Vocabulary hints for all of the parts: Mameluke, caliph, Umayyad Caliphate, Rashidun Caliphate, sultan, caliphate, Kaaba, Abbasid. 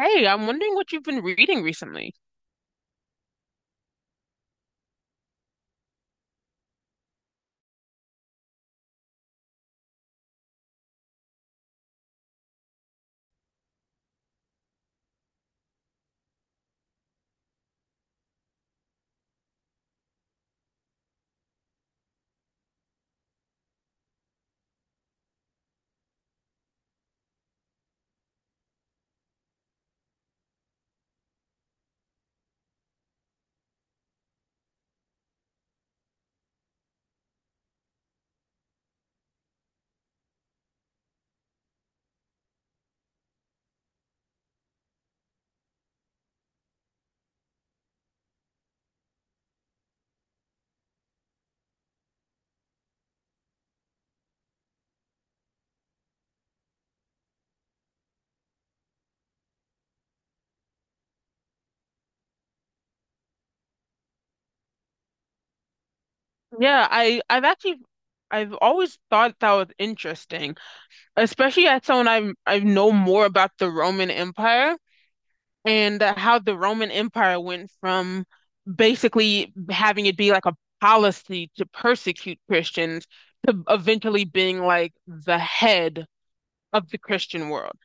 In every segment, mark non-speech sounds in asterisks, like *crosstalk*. Hey, I'm wondering what you've been reading recently. Yeah, I I've actually I've always thought that was interesting, especially as someone, I know more about the Roman Empire and how the Roman Empire went from basically having it be like a policy to persecute Christians to eventually being like the head of the Christian world.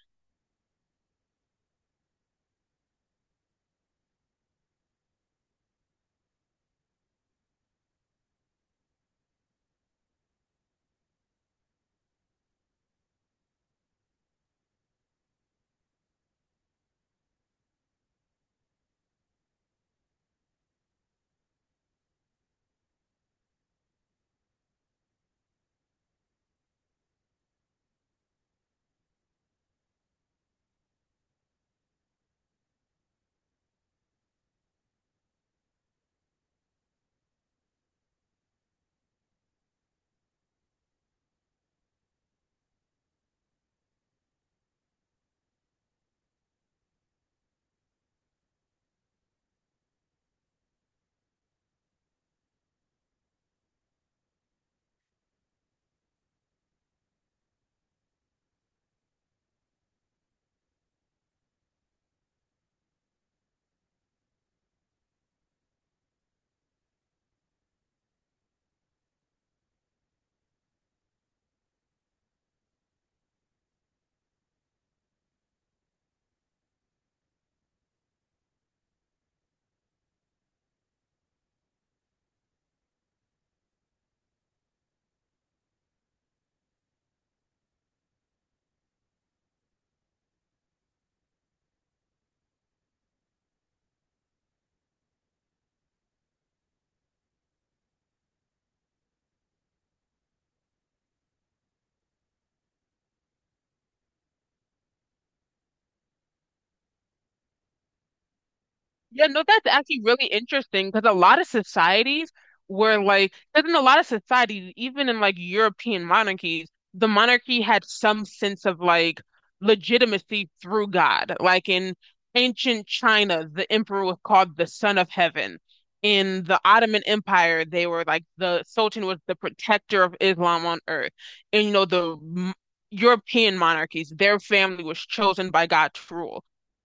Yeah, no, that's actually really interesting because a lot of societies were like, because in a lot of societies, even in like European monarchies, the monarchy had some sense of like legitimacy through God. Like in ancient China, the emperor was called the son of heaven. In the Ottoman Empire, they were like the Sultan was the protector of Islam on earth. And the European monarchies, their family was chosen by God to rule.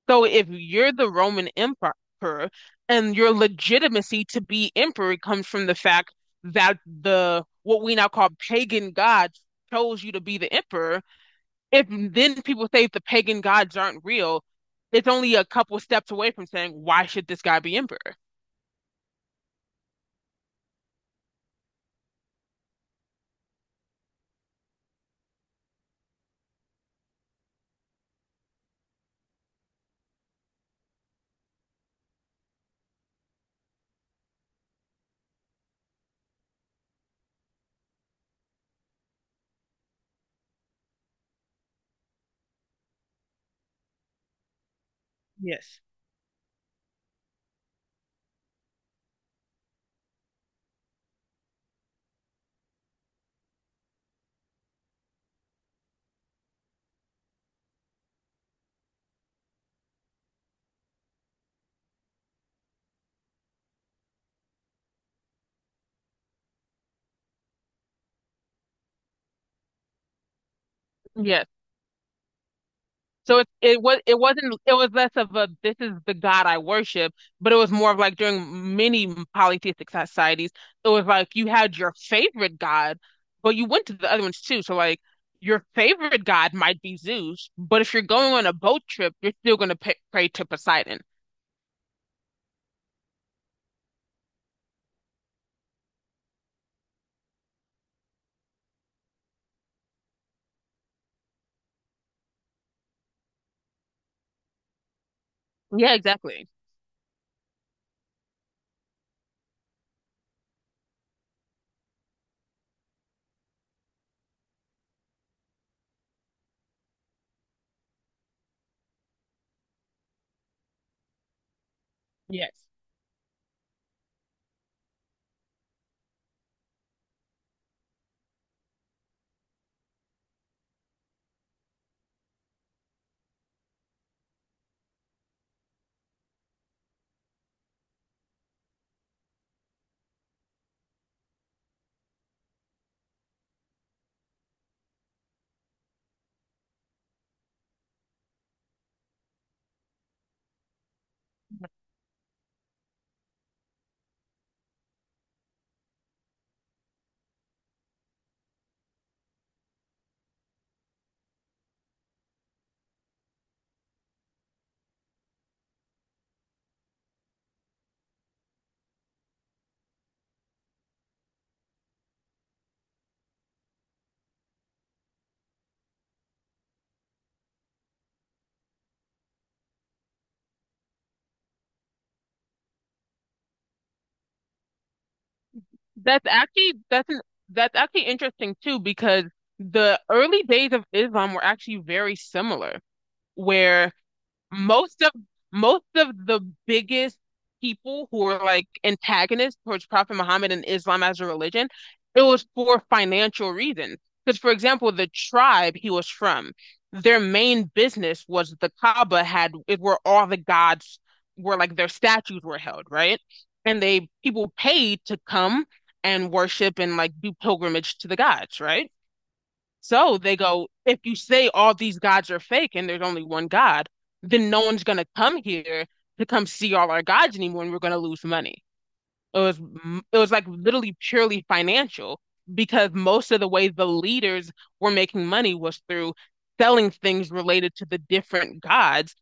So if you're the Roman Empire emperor. And your legitimacy to be emperor comes from the fact that the what we now call pagan gods chose you to be the emperor. If then people say if the pagan gods aren't real, it's only a couple steps away from saying, why should this guy be emperor? Yes. Yes. So it was, it wasn't, it was less of a this is the God I worship, but it was more of like during many polytheistic societies, it was like you had your favorite God, but you went to the other ones too. So like your favorite God might be Zeus, but if you're going on a boat trip, you're still going to pray to Poseidon. Yeah, exactly. Yes. That's actually that's an, that's actually interesting too because the early days of Islam were actually very similar, where most of most of the biggest people who were like antagonists towards Prophet Muhammad and Islam as a religion, it was for financial reasons. Because, for example, the tribe he was from, their main business was the Kaaba had it where all the gods were like their statues were held, right? And they people paid to come and worship and like do pilgrimage to the gods, right? So they go, if you say all these gods are fake and there's only one God, then no one's going to come here to come see all our gods anymore and we're going to lose money. It was it was like literally purely financial because most of the way the leaders were making money was through selling things related to the different gods,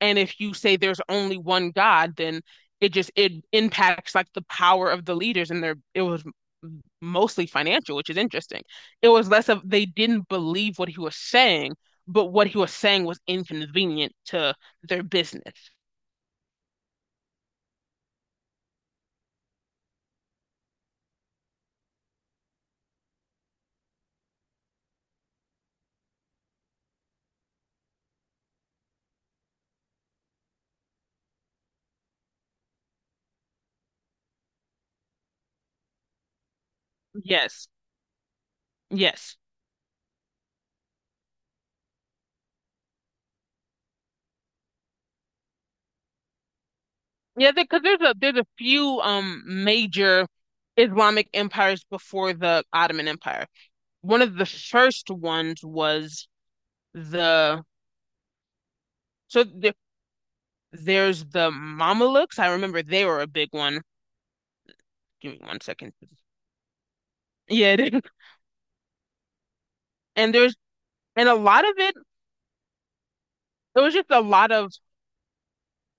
and if you say there's only one God, then it impacts like the power of the leaders and their it was mostly financial, which is interesting. It was less of they didn't believe what he was saying, but what he was saying was inconvenient to their business. Yes. Yes. Yeah, because there's a few major Islamic empires before the Ottoman Empire. One of the first ones was the, so the, there's the Mamelukes. I remember they were a big one. Give me one second. Yeah, it is. *laughs* And there's and a lot of it, There was just a lot of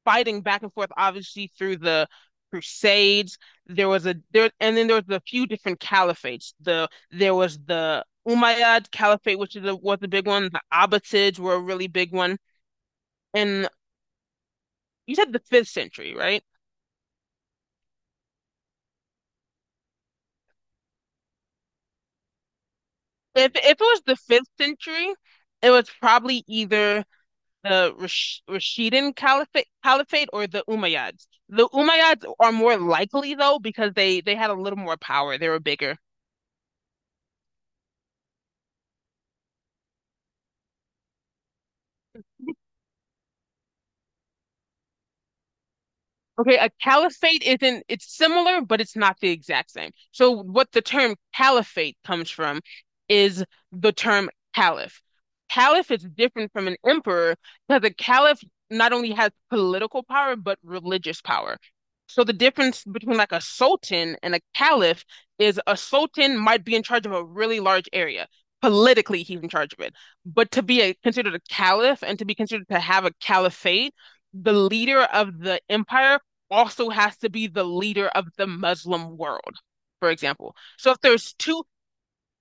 fighting back and forth, obviously through the Crusades. There was a there And then there was a few different caliphates. There was the Umayyad Caliphate, which was a big one. The Abbasids were a really big one. And you said the fifth century, right? If it was the fifth century, it was probably either the Rashidun Caliphate or the Umayyads. The Umayyads are more likely though because they had a little more power. They were bigger. Okay, a caliphate isn't, it's similar, but it's not the exact same. So, what the term caliphate comes from is the term caliph. Caliph is different from an emperor because a caliph not only has political power, but religious power. So, the difference between like a sultan and a caliph is a sultan might be in charge of a really large area. Politically, he's in charge of it. But to be a, considered a caliph and to be considered to have a caliphate, the leader of the empire also has to be the leader of the Muslim world, for example. So if there's two,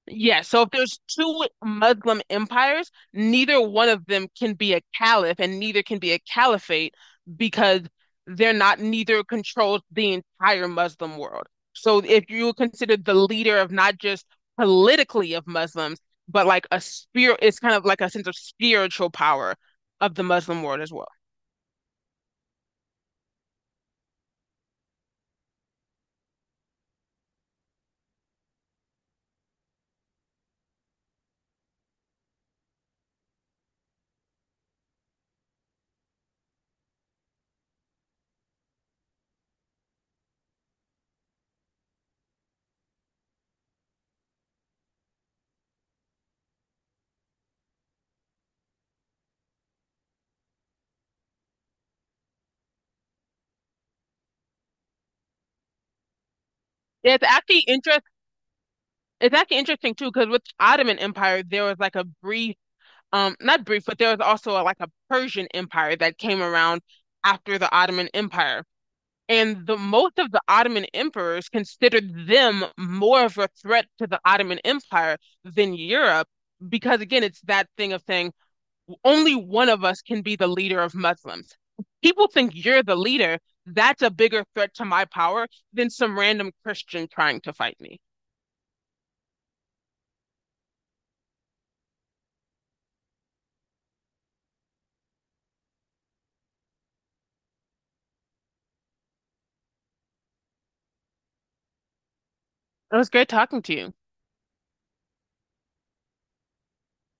yeah, so if there's two Muslim empires, neither one of them can be a caliph and neither can be a caliphate because they're not, neither controls the entire Muslim world. So if you consider the leader of not just politically of Muslims, but like a spirit, it's kind of like a sense of spiritual power of the Muslim world as well. It's actually interesting. It's actually interesting too, because with Ottoman Empire, there was like a brief, not brief, but there was also like a Persian Empire that came around after the Ottoman Empire. And the most of the Ottoman emperors considered them more of a threat to the Ottoman Empire than Europe, because again, it's that thing of saying only one of us can be the leader of Muslims. People think you're the leader. That's a bigger threat to my power than some random Christian trying to fight me. It was great talking to you.